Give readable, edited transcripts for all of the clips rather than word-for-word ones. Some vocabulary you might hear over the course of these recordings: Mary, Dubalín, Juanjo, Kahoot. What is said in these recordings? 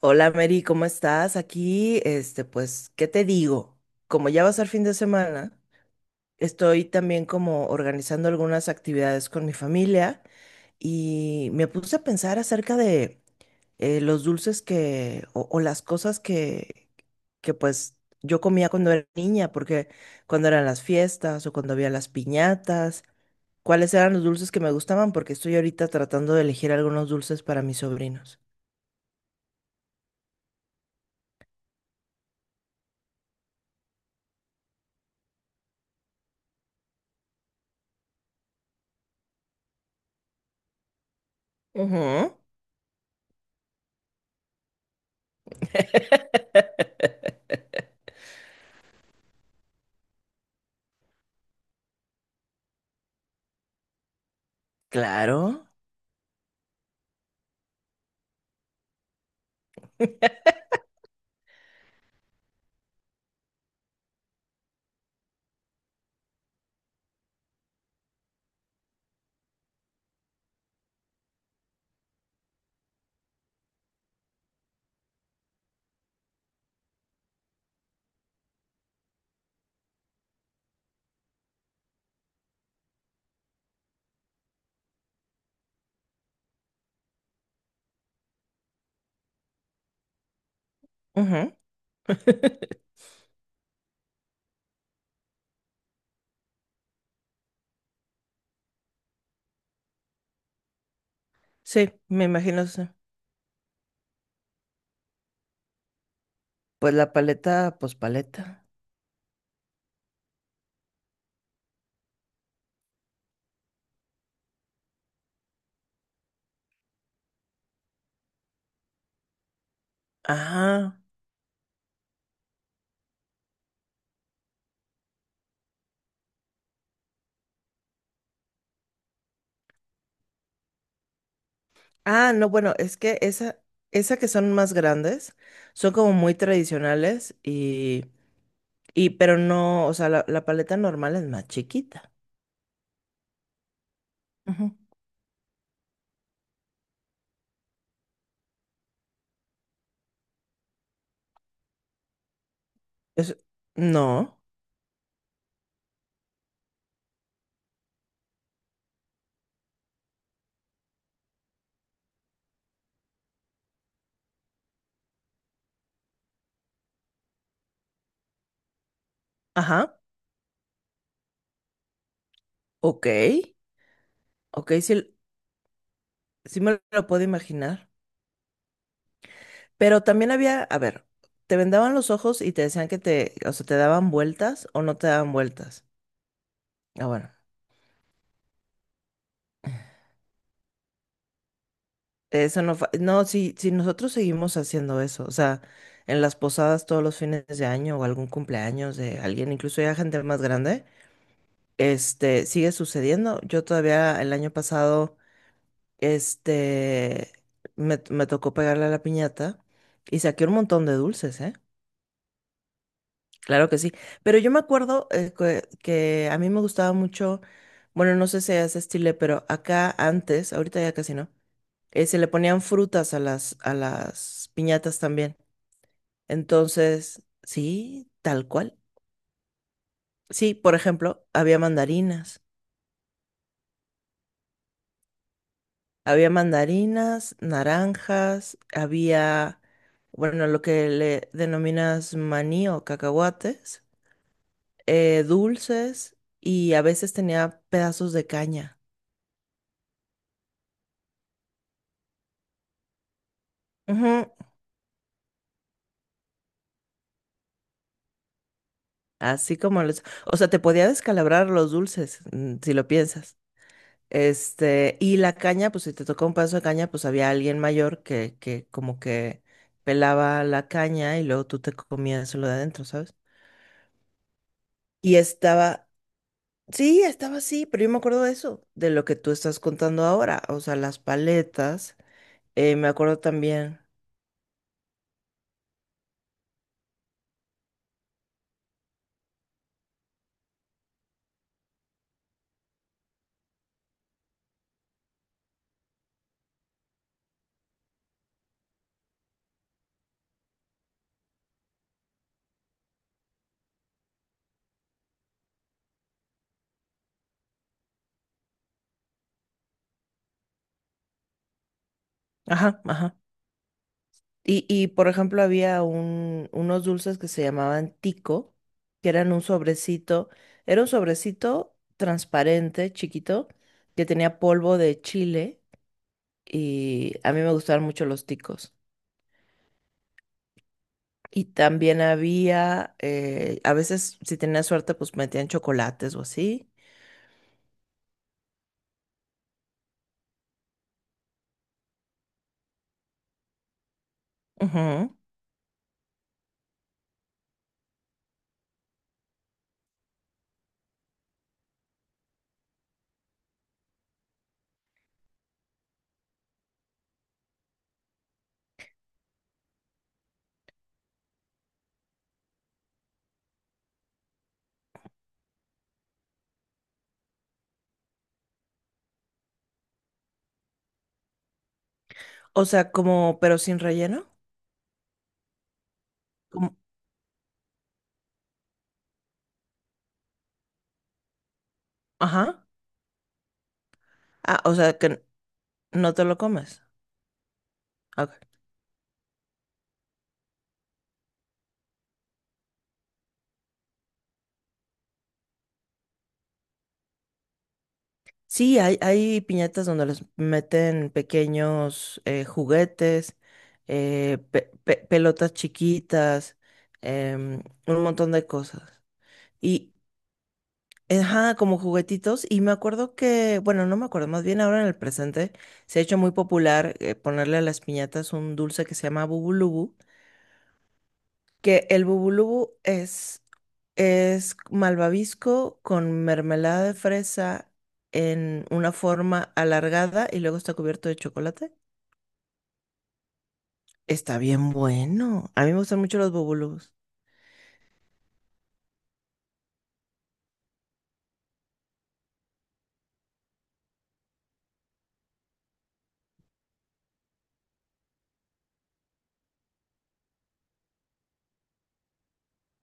Hola Mary, ¿cómo estás? Aquí, este, pues, ¿qué te digo? Como ya va a ser fin de semana, estoy también como organizando algunas actividades con mi familia y me puse a pensar acerca de los dulces o las cosas que pues yo comía cuando era niña, porque cuando eran las fiestas o cuando había las piñatas, cuáles eran los dulces que me gustaban, porque estoy ahorita tratando de elegir algunos dulces para mis sobrinos. Ujú, claro. Ujú. Sí, me imagino. Sí. Pues la paleta, pues paleta. Ah, ah, no, bueno, es que esa, que son más grandes, son como muy tradicionales y pero no, o sea, la paleta normal es más chiquita. Ujú. Es- no, ajá, ok, ok, sí, sí me lo puedo imaginar. Pero también había, a ver, te vendaban los ojos y te decían que te, o sea, te daban vueltas o no te daban vueltas. Ah, bueno. Eso no, no, si, si nosotros seguimos haciendo eso, o sea, en las posadas todos los fines de año o algún cumpleaños de alguien, incluso ya gente más grande, este, sigue sucediendo. Yo todavía el año pasado, este, me tocó pegarle a la piñata y saqué un montón de dulces, ¿eh? Claro que sí, pero yo me acuerdo que a mí me gustaba mucho, bueno, no sé si es estilo, pero acá antes, ahorita ya casi no. Se le ponían frutas a las, piñatas también. Entonces, sí, tal cual. Sí, por ejemplo, había mandarinas. Había mandarinas, naranjas, había, bueno, lo que le denominas maní o cacahuates, dulces y a veces tenía pedazos de caña. Ujú, así como los... O sea, te podía descalabrar los dulces, si lo piensas. Este, y la caña, pues si te tocó un pedazo de caña, pues había alguien mayor que, como que pelaba la caña y luego tú te comías lo de adentro, ¿sabes? Y estaba, sí, estaba así, pero yo me acuerdo de eso, de lo que tú estás contando ahora, o sea, las paletas, me acuerdo también, ajá, ajá. y por ejemplo, había unos dulces que se llamaban tico, que eran un sobrecito, era un sobrecito transparente, chiquito, que tenía polvo de chile y a mí me gustaban mucho los ticos. Y también había, a veces si tenía suerte, pues metían chocolates o así. Ujú. O sea, como, pero sin relleno. Como- Ajá. Ah, o sea, que no te lo comes. Ok. Sí, hay piñatas donde les meten pequeños juguetes, pelotas chiquitas, un montón de cosas. Y, Ajá, como juguetitos. Y me acuerdo que, bueno, no me acuerdo, más bien ahora en el presente se ha hecho muy popular ponerle a las piñatas un dulce que se llama bubulubu, que el bubulubu es malvavisco con mermelada de fresa en una forma alargada y luego está cubierto de chocolate. Está bien bueno. A mí me gustan mucho los bubulubus.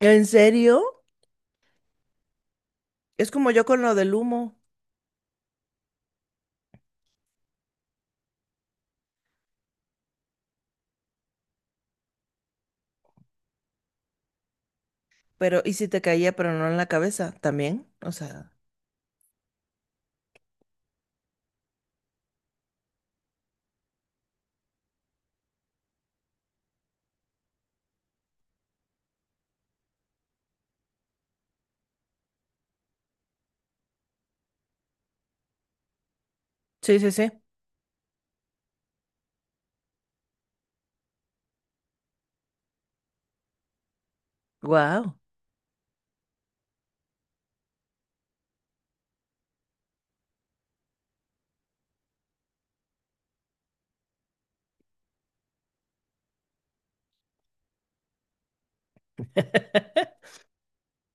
¿En serio? Es como yo con lo del humo, pero ¿y si te caía pero no en la cabeza también? O sea, sí, sí, sí. Wow.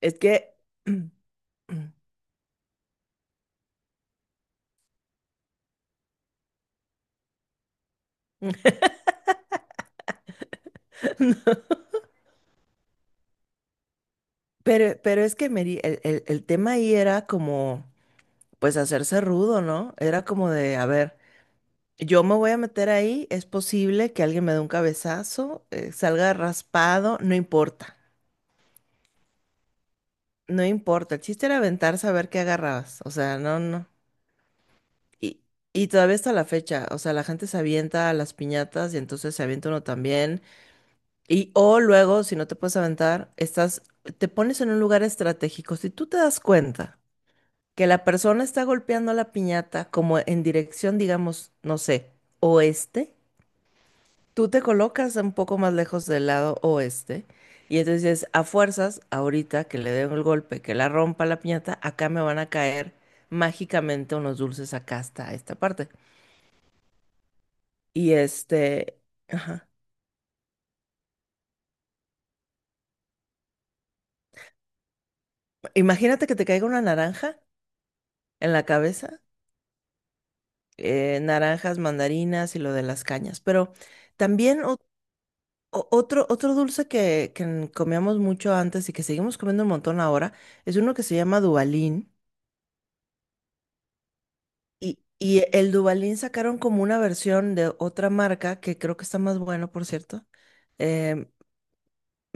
Es que, pero es que Mary, el tema ahí era como, pues hacerse rudo, ¿no? Era como de, a ver, yo me voy a meter ahí, es posible que alguien me dé un cabezazo, salga raspado, no importa, no importa. El chiste era aventarse a ver qué agarrabas, o sea, no, no. Y, y, todavía está la fecha, o sea, la gente se avienta a las piñatas y entonces se avienta uno también. Y o luego, si no te puedes aventar, te pones en un lugar estratégico. Si tú te das cuenta que la persona está golpeando la piñata como en dirección, digamos, no sé, oeste, tú te colocas un poco más lejos del lado oeste y entonces a fuerzas, ahorita que le den el golpe, que la rompa la piñata, acá me van a caer mágicamente unos dulces acá hasta esta parte. Y este, ajá. Imagínate que te caiga una naranja en la cabeza. Naranjas, mandarinas y lo de las cañas. Pero también otro dulce que comíamos mucho antes y que seguimos comiendo un montón ahora es uno que se llama Dubalín. y el Dubalín sacaron como una versión de otra marca que creo que está más bueno, por cierto. Em,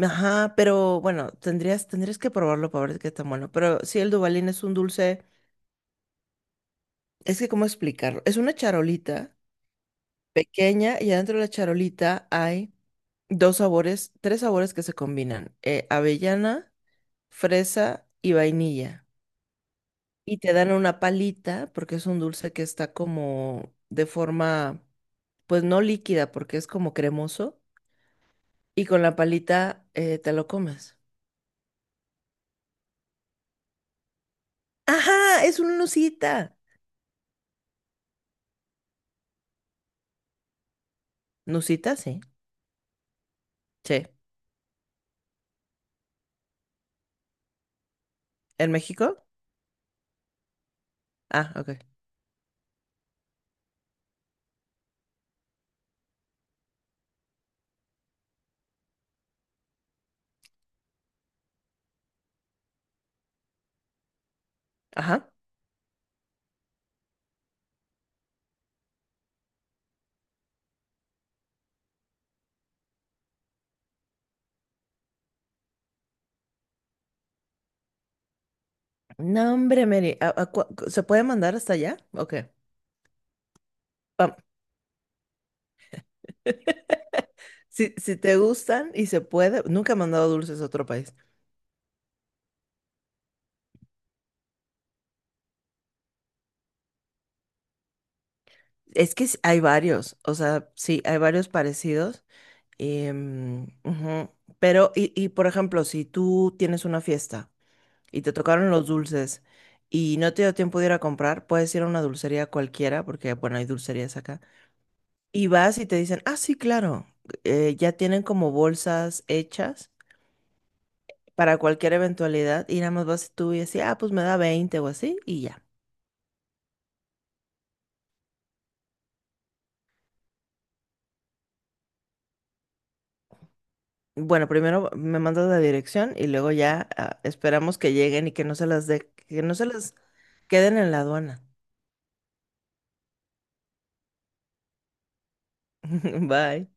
ajá, pero bueno, tendrías que probarlo para ver qué tan bueno. Pero sí, el Dubalín es un dulce, es que cómo explicarlo. Es una charolita pequeña y adentro de la charolita hay dos sabores, tres sabores que se combinan, avellana, fresa y vainilla. Y te dan una palita porque es un dulce que está como de forma, pues no líquida porque es como cremoso. Y con la palita te lo comes. Ajá, es una nusita. Nusita, sí. Sí. ¿En México? Ah, ok. Ajá. No, hombre, Mary. ¿Se puede mandar hasta allá? Ok. Vam- Si, si te gustan y se puede, nunca he mandado dulces a otro país. Es que sí, hay varios, o sea, sí, hay varios parecidos. Ujú, pero, y por ejemplo, si tú tienes una fiesta y te tocaron los dulces y no te dio tiempo de ir a comprar, puedes ir a una dulcería cualquiera, porque, bueno, hay dulcerías acá. Y vas y te dicen, ah, sí, claro, ya tienen como bolsas hechas para cualquier eventualidad y nada más vas tú y así, ah, pues me da 20 o así y ya. Bueno, primero me mandas la dirección y luego ya esperamos que lleguen y que no se las de, que no se las queden en la aduana. Bye.